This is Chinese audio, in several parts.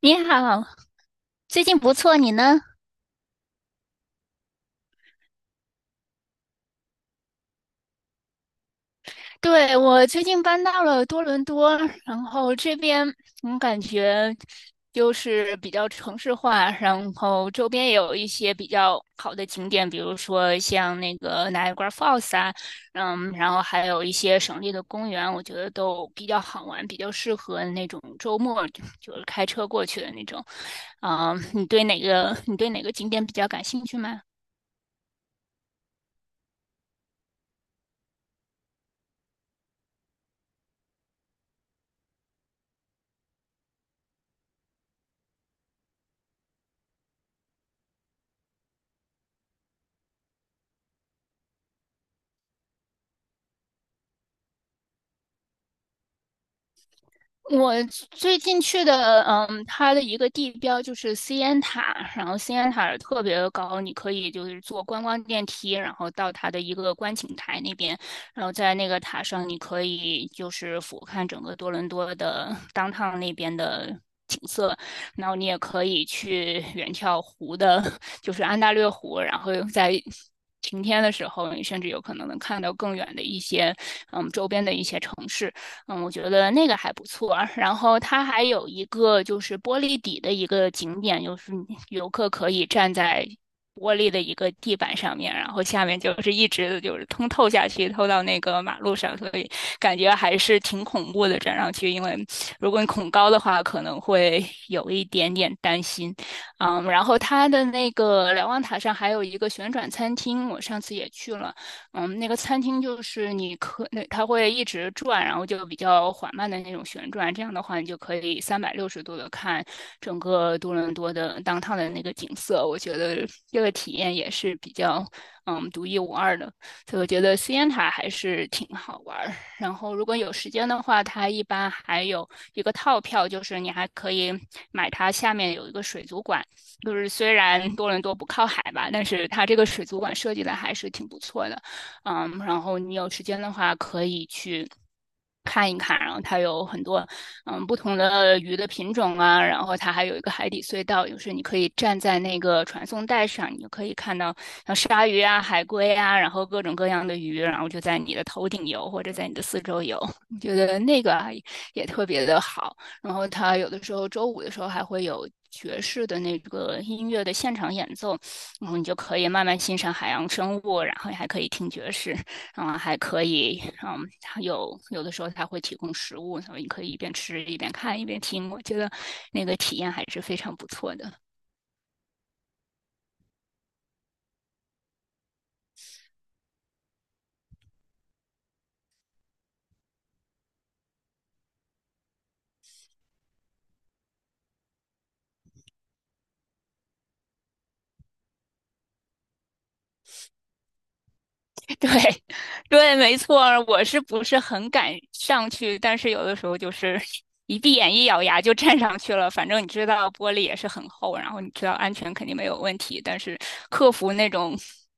你好，最近不错，你呢？对，我最近搬到了多伦多，然后这边我感觉就是比较城市化，然后周边也有一些比较好的景点，比如说像那个 Niagara Falls 啊，然后还有一些省立的公园，我觉得都比较好玩，比较适合那种周末就是开车过去的那种。你对哪个景点比较感兴趣吗？我最近去的，它的一个地标就是西安塔，然后西安塔特别高，你可以就是坐观光电梯，然后到它的一个观景台那边，然后在那个塔上，你可以就是俯瞰整个多伦多的 downtown 那边的景色，然后你也可以去远眺湖的，就是安大略湖，然后在晴天的时候，你甚至有可能能看到更远的一些，周边的一些城市。我觉得那个还不错。然后它还有一个就是玻璃底的一个景点，就是游客可以站在玻璃的一个地板上面，然后下面就是一直就是通透下去，透到那个马路上，所以感觉还是挺恐怖的。站上去，因为如果你恐高的话，可能会 有一点点担心。然后它的那个瞭望塔上还有一个旋转餐厅，我上次也去了。那个餐厅就是那它会一直转，然后就比较缓慢的那种旋转，这样的话你就可以360度的看整个多伦多的当 o 的那个景色。我觉得这个体验也是比较独一无二的，所以我觉得 CN 塔还是挺好玩儿。然后如果有时间的话，它一般还有一个套票，就是你还可以买它下面有一个水族馆，就是虽然多伦多不靠海吧，但是它这个水族馆设计的还是挺不错的。然后你有时间的话可以去，看一看，然后它有很多不同的鱼的品种啊，然后它还有一个海底隧道，就是你可以站在那个传送带上，你就可以看到像鲨鱼啊、海龟啊，然后各种各样的鱼，然后就在你的头顶游或者在你的四周游，我觉得那个啊也特别的好。然后它有的时候周五的时候还会有爵士的那个音乐的现场演奏，然后你就可以慢慢欣赏海洋生物，然后还可以听爵士，还可以，有的时候它会提供食物，所以你可以一边吃一边看一边听，我觉得那个体验还是非常不错的。对，对，没错。我是不是很敢上去？但是有的时候就是 一闭眼一咬牙就站上去了。反正你知道玻璃也是很厚，然后你知道安全肯定没有问题。但是克服那种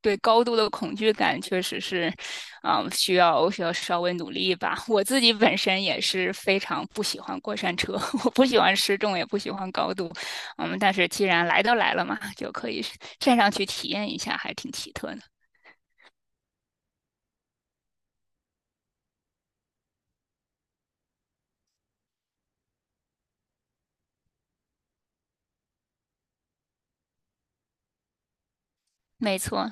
对高度的恐惧感，确实是，需要稍微努力一把。我自己本身也是非常不喜欢过山车，我不喜欢失重，也不喜欢高度。但是既然来都来了嘛，就可以站上去体验一下，还挺奇特的。没错，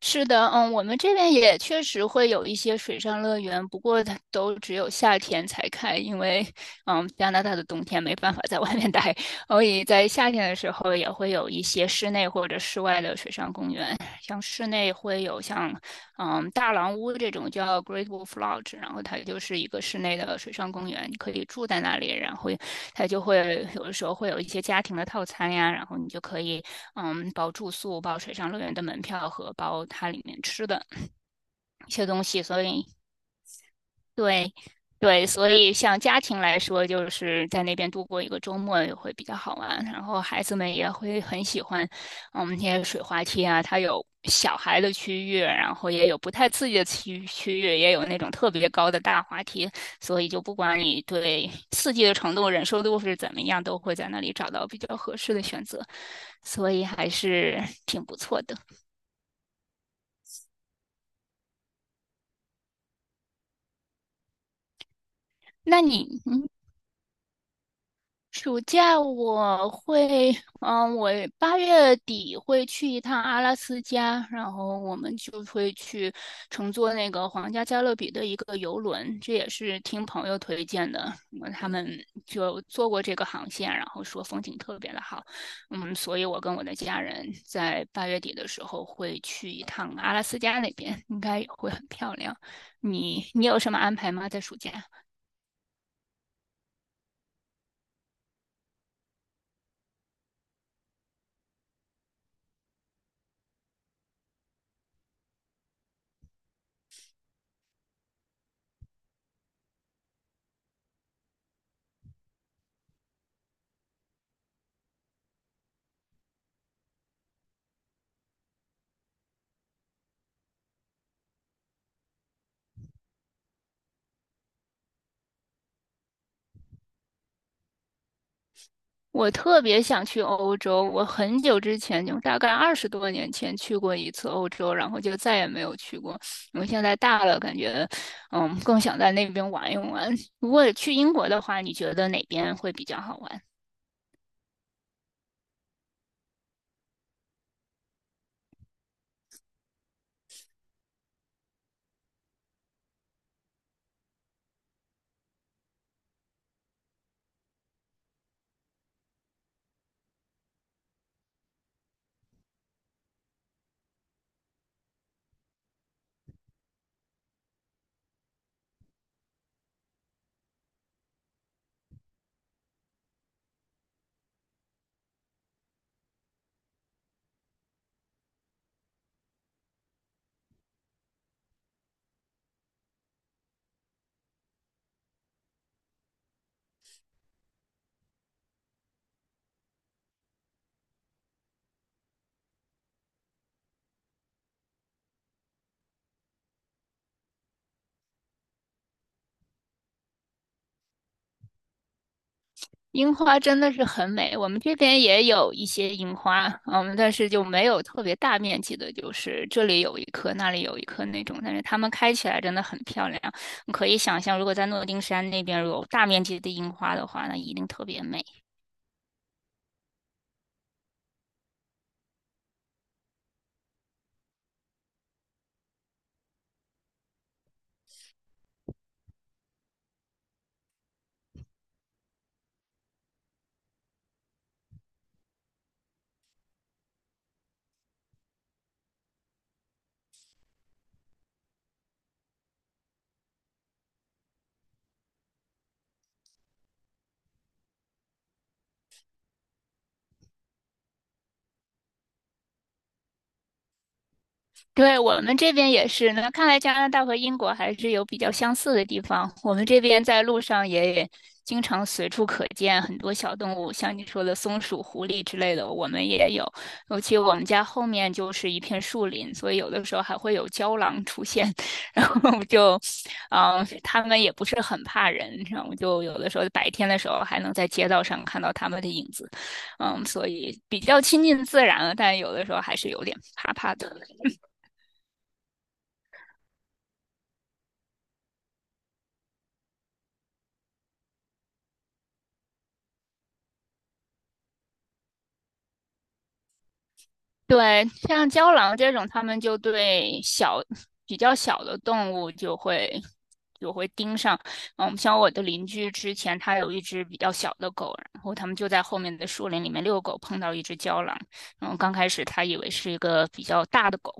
是的，我们这边也确实会有一些水上乐园，不过它都只有夏天才开，因为加拿大的冬天没办法在外面待，所以在夏天的时候也会有一些室内或者室外的水上公园。像室内会有像大狼屋这种叫 Great Wolf Lodge,然后它就是一个室内的水上公园，你可以住在那里，然后它就会有的时候会有一些家庭的套餐呀，然后你就可以包住宿、包水上乐园的门票和包它里面吃的一些东西，所以对，对，所以像家庭来说，就是在那边度过一个周末也会比较好玩，然后孩子们也会很喜欢，我们那些水滑梯啊，它有小孩的区域，然后也有不太刺激的区域，也有那种特别高的大滑梯，所以就不管你对刺激的程度、忍受度是怎么样，都会在那里找到比较合适的选择，所以还是挺不错的。那你，暑假我会，我八月底会去一趟阿拉斯加，然后我们就会去乘坐那个皇家加勒比的一个游轮，这也是听朋友推荐的，他们就坐过这个航线，然后说风景特别的好，所以我跟我的家人在八月底的时候会去一趟阿拉斯加那边，应该也会很漂亮。你有什么安排吗？在暑假？我特别想去欧洲，我很久之前就大概20多年前去过一次欧洲，然后就再也没有去过。我现在大了，感觉更想在那边玩一玩。如果去英国的话，你觉得哪边会比较好玩？樱花真的是很美，我们这边也有一些樱花，但是就没有特别大面积的，就是这里有一棵，那里有一棵那种，但是它们开起来真的很漂亮。你可以想象，如果在诺丁山那边如果有大面积的樱花的话，那一定特别美。对，我们这边也是。那看来加拿大和英国还是有比较相似的地方。我们这边在路上也经常随处可见很多小动物，像你说的松鼠、狐狸之类的，我们也有。尤其我们家后面就是一片树林，所以有的时候还会有郊狼出现。然后就，它们也不是很怕人，然后就有的时候白天的时候还能在街道上看到它们的影子。所以比较亲近自然了，但有的时候还是有点怕怕的。对，像郊狼这种，他们就对小、比较小的动物就会盯上。像我的邻居之前他有一只比较小的狗，然后他们就在后面的树林里面遛狗，碰到一只郊狼。然后刚开始他以为是一个比较大的狗，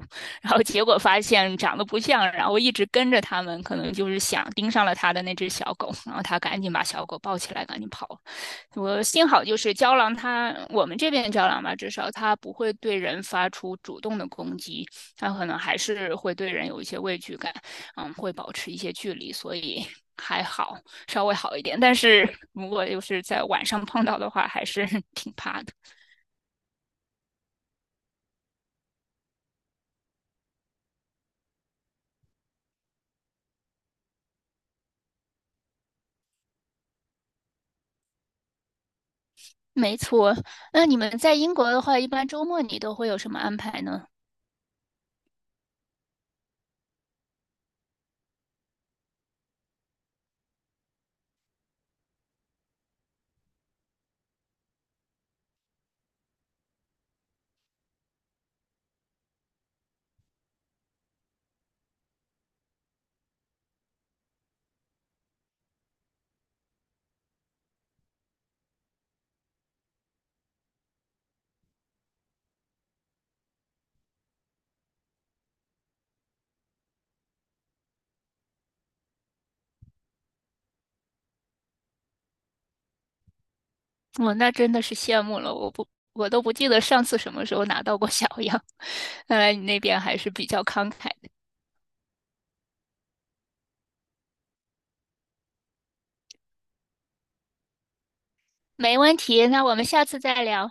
然后结果发现长得不像，然后一直跟着他们，可能就是想盯上了他的那只小狗，然后他赶紧把小狗抱起来，赶紧跑了我幸好就是胶囊它，我们这边的胶囊吧，至少它不会对人发出主动的攻击，它可能还是会对人有一些畏惧感，会保持一些距离，所以还好，稍微好一点。但是如果就是在晚上碰到的话，还是 挺怕的。没错，那你们在英国的话，一般周末你都会有什么安排呢？我那真的是羡慕了，我不，我都不记得上次什么时候拿到过小 样。看来你那边还是比较慷慨。没问题，那我们下次再聊。